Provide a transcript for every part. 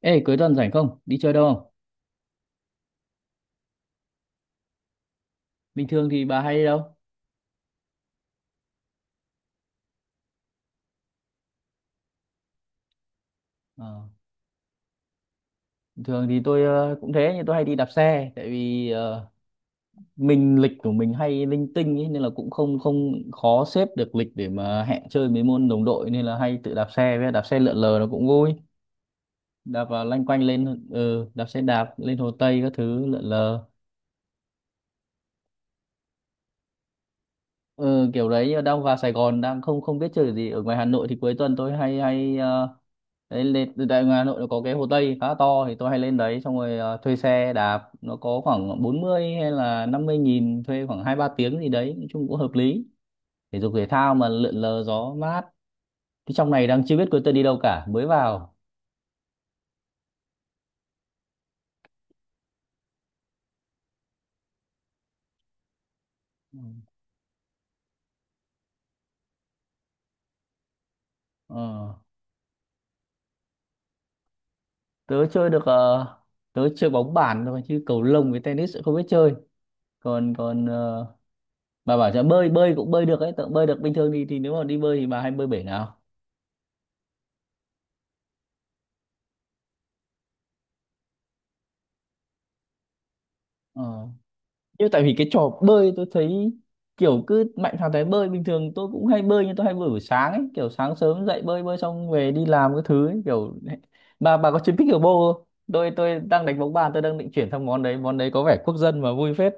Ê, cuối tuần rảnh không? Đi chơi đâu không? Bình thường thì bà hay đi đâu? Ờ, bình thường thì tôi cũng thế, nhưng tôi hay đi đạp xe, tại vì mình lịch của mình hay linh tinh ấy, nên là cũng không không khó xếp được lịch để mà hẹn chơi mấy môn đồng đội, nên là hay tự đạp xe, với đạp xe lượn lờ nó cũng vui. Đạp vào lanh quanh lên, đạp xe đạp lên Hồ Tây các thứ lượn lờ. Ừ, kiểu đấy, đang vào Sài Gòn đang không không biết chơi gì. Ở ngoài Hà Nội thì cuối tuần tôi hay hay đấy, lên từ, tại ngoài Hà Nội nó có cái Hồ Tây khá to, thì tôi hay lên đấy xong rồi thuê xe đạp, nó có khoảng 40 hay là 50.000, thuê khoảng hai ba tiếng gì đấy, nói chung cũng hợp lý. Thể dục thể thao mà, lượn lờ gió mát. Cái trong này đang chưa biết cô tớ đi đâu cả, mới vào. Ừ. ờ, Tớ chơi được, tớ chơi bóng bàn thôi, chứ cầu lông với tennis cũng không biết chơi. Còn còn bà bảo cho bơi, bơi cũng bơi được ấy, tớ cũng bơi được bình thường. Thì Nếu mà đi bơi thì bà hay bơi bể nào? Ờ. Nhưng tại vì cái trò bơi tôi thấy kiểu cứ mạnh thằng thấy bơi, bình thường tôi cũng hay bơi, nhưng tôi hay bơi buổi sáng ấy, kiểu sáng sớm dậy bơi, bơi xong về đi làm cái thứ ấy, kiểu. Bà có chơi pickleball không? Tôi đang đánh bóng bàn, tôi đang định chuyển sang món đấy. Món đấy có vẻ quốc dân mà vui phết.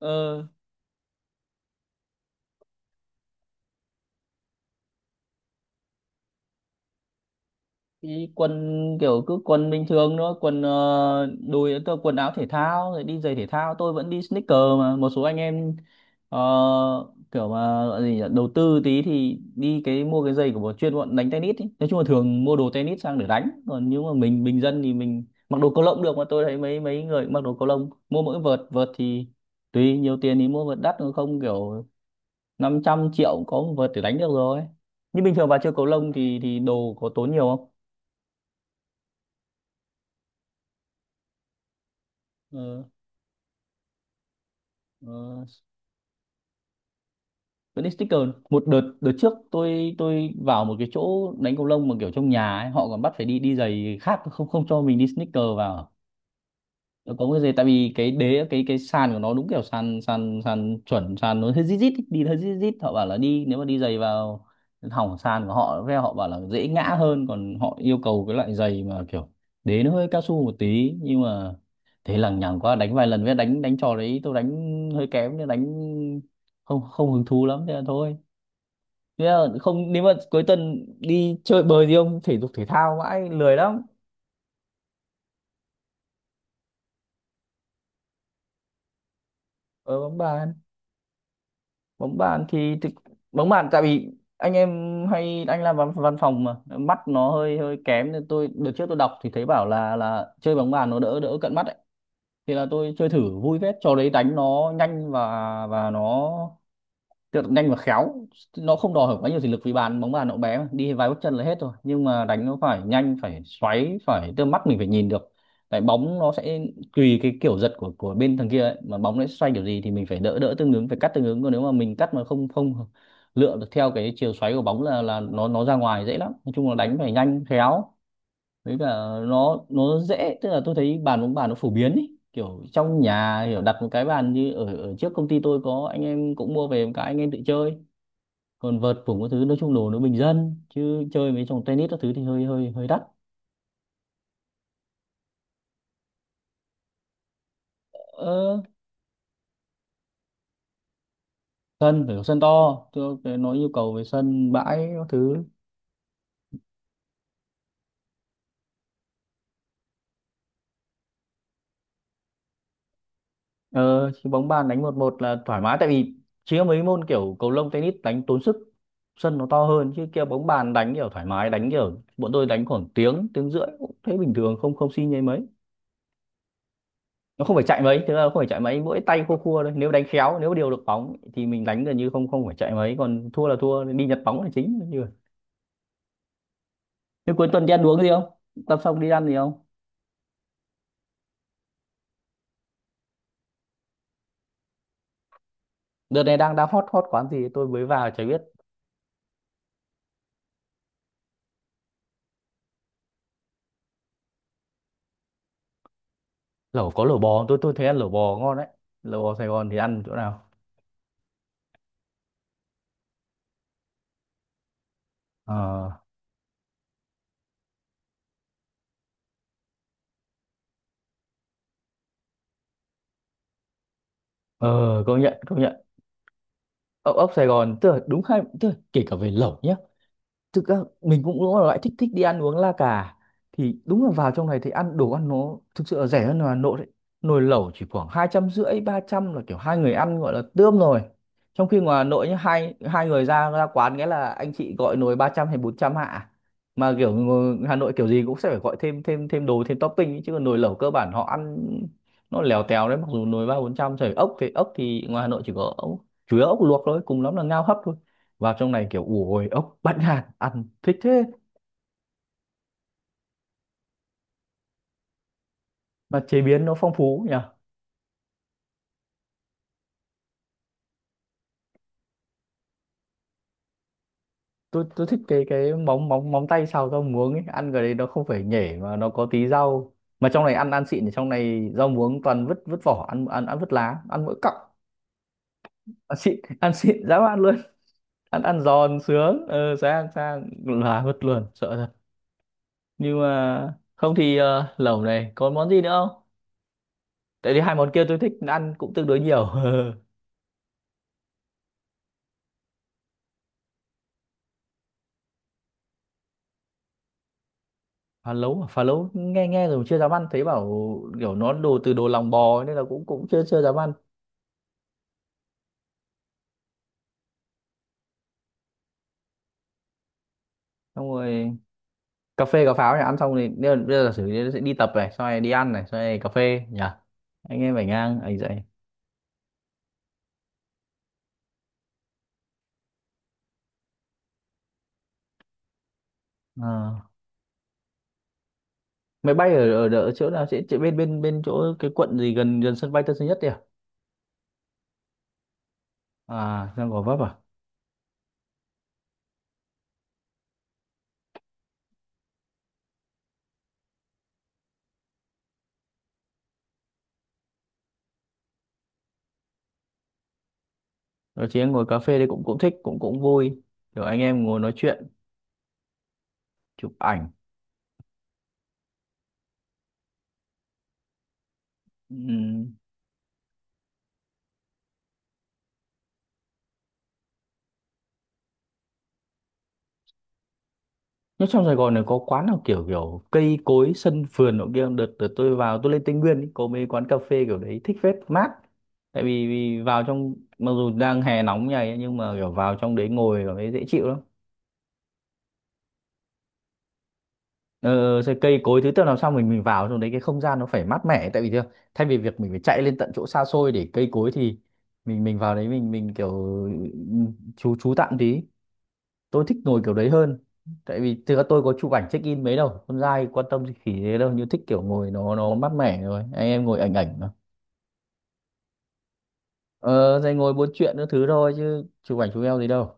ờ Thì quần, kiểu cứ quần bình thường thôi, quần đùi, tôi quần áo thể thao rồi đi giày thể thao, tôi vẫn đi sneaker. Mà một số anh em ờ, kiểu mà gọi gì nhỉ? Đầu tư tí thì đi cái, mua cái giày của bọn chuyên, bọn đánh tennis ý. Nói chung là thường mua đồ tennis sang để đánh, còn nếu mà mình bình dân thì mình mặc đồ cầu lông được. Mà tôi thấy mấy mấy người cũng mặc đồ cầu lông, mua mỗi vợt. Vợt thì tùy, nhiều tiền thì mua vợt đắt, còn không kiểu 500 triệu cũng có một vợt để đánh được rồi. Nhưng bình thường bà chơi cầu lông thì đồ có tốn nhiều không? Ờ, vẫn đi sticker. Một đợt, đợt trước tôi vào một cái chỗ đánh cầu lông mà kiểu trong nhà ấy, họ còn bắt phải đi đi giày khác, không không cho mình đi sneaker vào. Nó có cái gì, tại vì cái đế, cái sàn của nó đúng kiểu sàn, sàn sàn chuẩn sàn, nó hơi rít rít ý, đi hơi rít rít, họ bảo là đi, nếu mà đi giày vào hỏng sàn của họ. Với họ bảo là dễ ngã hơn. Còn họ yêu cầu cái loại giày mà kiểu đế nó hơi cao su một tí, nhưng mà thế lằng nhằng quá, đánh vài lần. Với đánh đánh trò đấy tôi đánh hơi kém, nên đánh không không hứng thú lắm, thế là thôi. Thế là không, nếu mà cuối tuần đi chơi bời gì không, thể dục thể thao mãi lười lắm. Ờ, bóng bàn. Bóng bàn thì thực Bóng bàn, tại vì anh em hay anh làm văn, văn phòng, mà mắt nó hơi hơi kém, nên tôi đợt trước tôi đọc thì thấy bảo là chơi bóng bàn nó đỡ, đỡ cận mắt ấy. Thì là tôi chơi thử, vui phết trò đấy. Đánh nó nhanh, và nó. Tức là nhanh và khéo, nó không đòi hỏi quá nhiều thể lực, vì bàn bóng bàn nó bé mà, đi vài bước chân là hết rồi. Nhưng mà đánh nó phải nhanh, phải xoáy, phải tức là mắt mình phải nhìn được. Tại bóng nó sẽ tùy cái kiểu giật của bên thằng kia ấy, mà bóng nó sẽ xoay kiểu gì thì mình phải đỡ, đỡ tương ứng, phải cắt tương ứng. Còn nếu mà mình cắt mà không không lựa được theo cái chiều xoáy của bóng là nó ra ngoài dễ lắm. Nói chung là đánh phải nhanh khéo. Với cả nó dễ, tức là tôi thấy bàn bóng bàn nó phổ biến ý, kiểu trong nhà kiểu đặt một cái bàn, như ở, ở trước công ty tôi có anh em cũng mua về một cái, anh em tự chơi. Còn vợt phủng các thứ, nói chung đồ nó bình dân, chứ chơi mấy trò tennis các thứ thì hơi hơi hơi đắt. Ờ, sân phải có sân to, tôi nói yêu cầu về sân bãi các thứ. Ờ, chứ bóng bàn đánh một một là thoải mái, tại vì chỉ có mấy môn kiểu cầu lông tennis đánh tốn sức, sân nó to hơn. Chứ kia bóng bàn đánh kiểu thoải mái, đánh kiểu bọn tôi đánh khoảng tiếng, tiếng rưỡi cũng thấy bình thường, không không xin nhây mấy. Nó không phải chạy mấy, thực ra nó không phải chạy mấy, mỗi tay khua khua thôi, nếu đánh khéo, nếu điều được bóng thì mình đánh gần như không không phải chạy mấy, còn thua là thua đi nhặt bóng là chính, như vậy. Thế cuối tuần đi ăn uống gì không, tập xong đi ăn gì không? Đợt này đang đang hot hot quán gì tôi mới vào chả biết. Lẩu có lẩu bò, tôi thấy ăn lẩu bò ngon đấy. Lẩu bò Sài Gòn thì ăn chỗ nào? Ờ, ờ công nhận, công nhận. Ốc, Sài Gòn, tức là đúng hai, tức là kể cả về lẩu nhá. Thực ra mình cũng đúng là loại thích, đi ăn uống la cà, thì đúng là vào trong này thì ăn, đồ ăn nó thực sự là rẻ hơn là Hà Nội đấy. Nồi lẩu chỉ khoảng 250, 300 là kiểu hai người ăn gọi là tươm rồi. Trong khi ngoài Hà Nội nhá, hai hai người ra, quán, nghĩa là anh chị gọi nồi 300 hay 400 hạ, mà kiểu ngồi Hà Nội kiểu gì cũng sẽ phải gọi thêm thêm thêm đồ, thêm topping ấy. Chứ còn nồi lẩu cơ bản họ ăn, nó lèo tèo đấy, mặc dù nồi 3 4 trăm. Trời, ốc thì, ốc thì ngoài Hà Nội chỉ có ốc, chủ yếu ốc luộc thôi, cùng lắm là ngao hấp thôi. Vào trong này kiểu, ủ ồi ốc bãnh hạt, ăn thích thế. Mà chế biến nó phong phú nhỉ. Tôi thích cái, móng, móng tay xào rau muống ấy, ăn cái đấy nó không phải nhể mà nó có tí rau. Mà trong này ăn, xịn thì trong này rau muống toàn vứt, vỏ, ăn, ăn vứt lá, ăn mỗi cọng. Ăn xịn ăn xịn dám ăn luôn. Ăn, giòn sướng. Ờ, sang, là vứt luôn, sợ thật. Nhưng mà không thì lẩu này còn món gì nữa không? Tại vì hai món kia tôi thích ăn cũng tương đối nhiều phá lấu à? Phá lấu nghe, rồi chưa dám ăn, thấy bảo kiểu nó đồ từ đồ lòng bò ấy, nên là cũng cũng chưa chưa dám ăn. Xong rồi cà phê cà pháo nhỉ, ăn xong thì bây giờ giả sử như sẽ đi tập này, xong rồi đi ăn này, xong rồi cà phê nhỉ. Anh em phải ngang anh dậy. Ờ. Máy bay ở, ở, ở chỗ nào sẽ, chỗ bên bên bên chỗ cái quận gì gần gần sân bay Tân Sơn Nhất đấy à? À, đang Gò Vấp à? Rồi chị em ngồi cà phê đấy cũng cũng thích, cũng cũng vui, kiểu anh em ngồi nói chuyện, chụp ảnh. Ừ. Nó trong Sài Gòn này có quán nào kiểu kiểu cây cối sân vườn nọ kia không? Đợt, đợt tôi vào tôi lên Tây Nguyên ý, có mấy quán cà phê kiểu đấy thích phết, mát. Tại vì, vì vào trong mặc dù đang hè nóng như này ấy, nhưng mà kiểu vào trong đấy ngồi cảm thấy dễ chịu lắm. Ờ, sẽ cây cối thứ tự làm sao mình vào trong đấy cái không gian nó phải mát mẻ tại vì thế, thay vì việc mình phải chạy lên tận chỗ xa xôi để cây cối thì mình vào đấy mình kiểu ừ, chú tạm tí. Tôi thích ngồi kiểu đấy hơn tại vì thực ra tôi có chụp ảnh check in mấy đâu, con trai quan tâm gì khỉ thế đâu, như thích kiểu ngồi nó mát mẻ rồi anh em ngồi ảnh ảnh mà. Ờ rồi ngồi buôn chuyện các thứ thôi chứ chụp ảnh chụp eo gì đâu.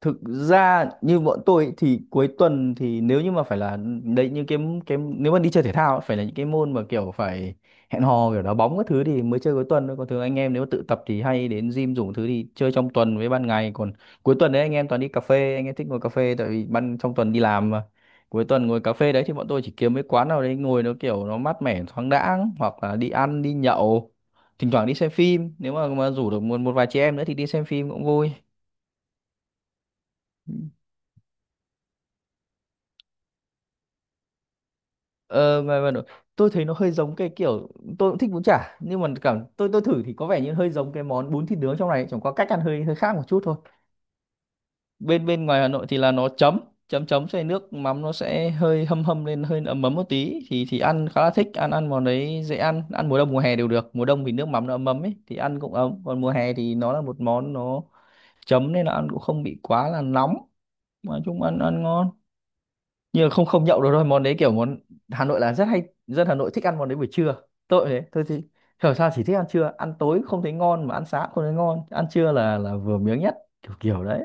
Thực ra như bọn tôi thì cuối tuần thì nếu như mà phải là đấy như cái nếu mà đi chơi thể thao ấy, phải là những cái môn mà kiểu phải hẹn hò kiểu đá bóng các thứ thì mới chơi cuối tuần thôi, còn thường anh em nếu mà tự tập thì hay đến gym dùng thứ thì chơi trong tuần với ban ngày, còn cuối tuần đấy anh em toàn đi cà phê, anh em thích ngồi cà phê tại vì ban trong tuần đi làm mà. Cuối tuần ngồi cà phê đấy thì bọn tôi chỉ kiếm mấy quán nào đấy ngồi nó kiểu nó mát mẻ thoáng đãng, hoặc là đi ăn đi nhậu, thỉnh thoảng đi xem phim, nếu mà rủ được một một vài chị em nữa thì đi xem phim cũng vui. Ờ, mà, mà nó- tôi thấy nó hơi giống cái kiểu, tôi cũng thích bún chả nhưng mà cảm tôi thử thì có vẻ như hơi giống cái món bún thịt nướng trong này, chẳng qua cách ăn hơi hơi khác một chút thôi. Bên bên ngoài Hà Nội thì là nó chấm chấm chấm xoay nước mắm, nó sẽ hơi hâm hâm lên, hơi ấm ấm một tí thì ăn khá là thích, ăn ăn món đấy dễ ăn, ăn mùa đông mùa hè đều được. Mùa đông thì nước mắm nó ấm ấm ấy thì ăn cũng ấm, còn mùa hè thì nó là một món nó chấm nên là ăn cũng không bị quá là nóng, mà chung ăn ăn ngon, nhưng mà không không nhậu được thôi. Món đấy kiểu món Hà Nội là rất hay, dân Hà Nội thích ăn món đấy buổi trưa. Tôi thì hiểu sao chỉ thích ăn trưa, ăn tối không thấy ngon mà ăn sáng không thấy ngon, ăn trưa là vừa miếng nhất kiểu kiểu đấy.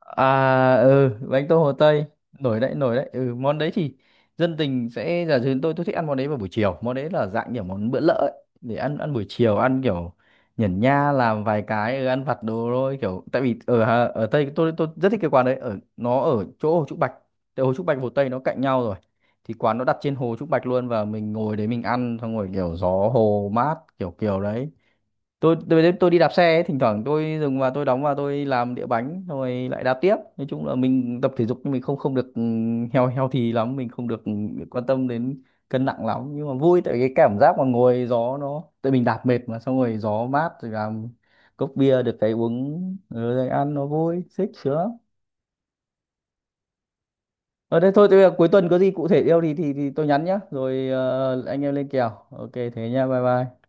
À ừ, bánh tôm Hồ Tây nổi đấy, nổi đấy. Ừ, món đấy thì dân tình sẽ giả duyên, tôi thích ăn món đấy vào buổi chiều. Món đấy là dạng kiểu món bữa lỡ ấy, để ăn ăn buổi chiều, ăn kiểu nhẩn nha làm vài cái, ừ, ăn vặt đồ thôi kiểu. Tại vì ở ở Tây tôi rất thích cái quán đấy, ở nó ở chỗ Hồ Trúc Bạch. Tại Hồ Trúc Bạch Hồ Tây nó cạnh nhau rồi. Thì quán nó đặt trên Hồ Trúc Bạch luôn, và mình ngồi đấy mình ăn xong rồi kiểu gió hồ mát kiểu kiểu đấy. Tôi đi đạp xe ấy, thỉnh thoảng tôi dừng và tôi đóng và tôi làm đĩa bánh rồi lại đạp tiếp. Nói chung là mình tập thể dục nhưng mình không không được, ừ, heo heo thì lắm, mình không được, ừ, quan tâm đến cân nặng lắm, nhưng mà vui tại cái cảm giác mà ngồi gió nó, tại mình đạp mệt mà xong rồi gió mát rồi làm cốc bia được cái uống, ừ, rồi ăn nó vui xích sướng lắm. Ở đây thôi, tôi cuối tuần có gì cụ thể yêu thì thì tôi nhắn nhá rồi, ờ, anh em lên kèo, ok thế nha, bye bye.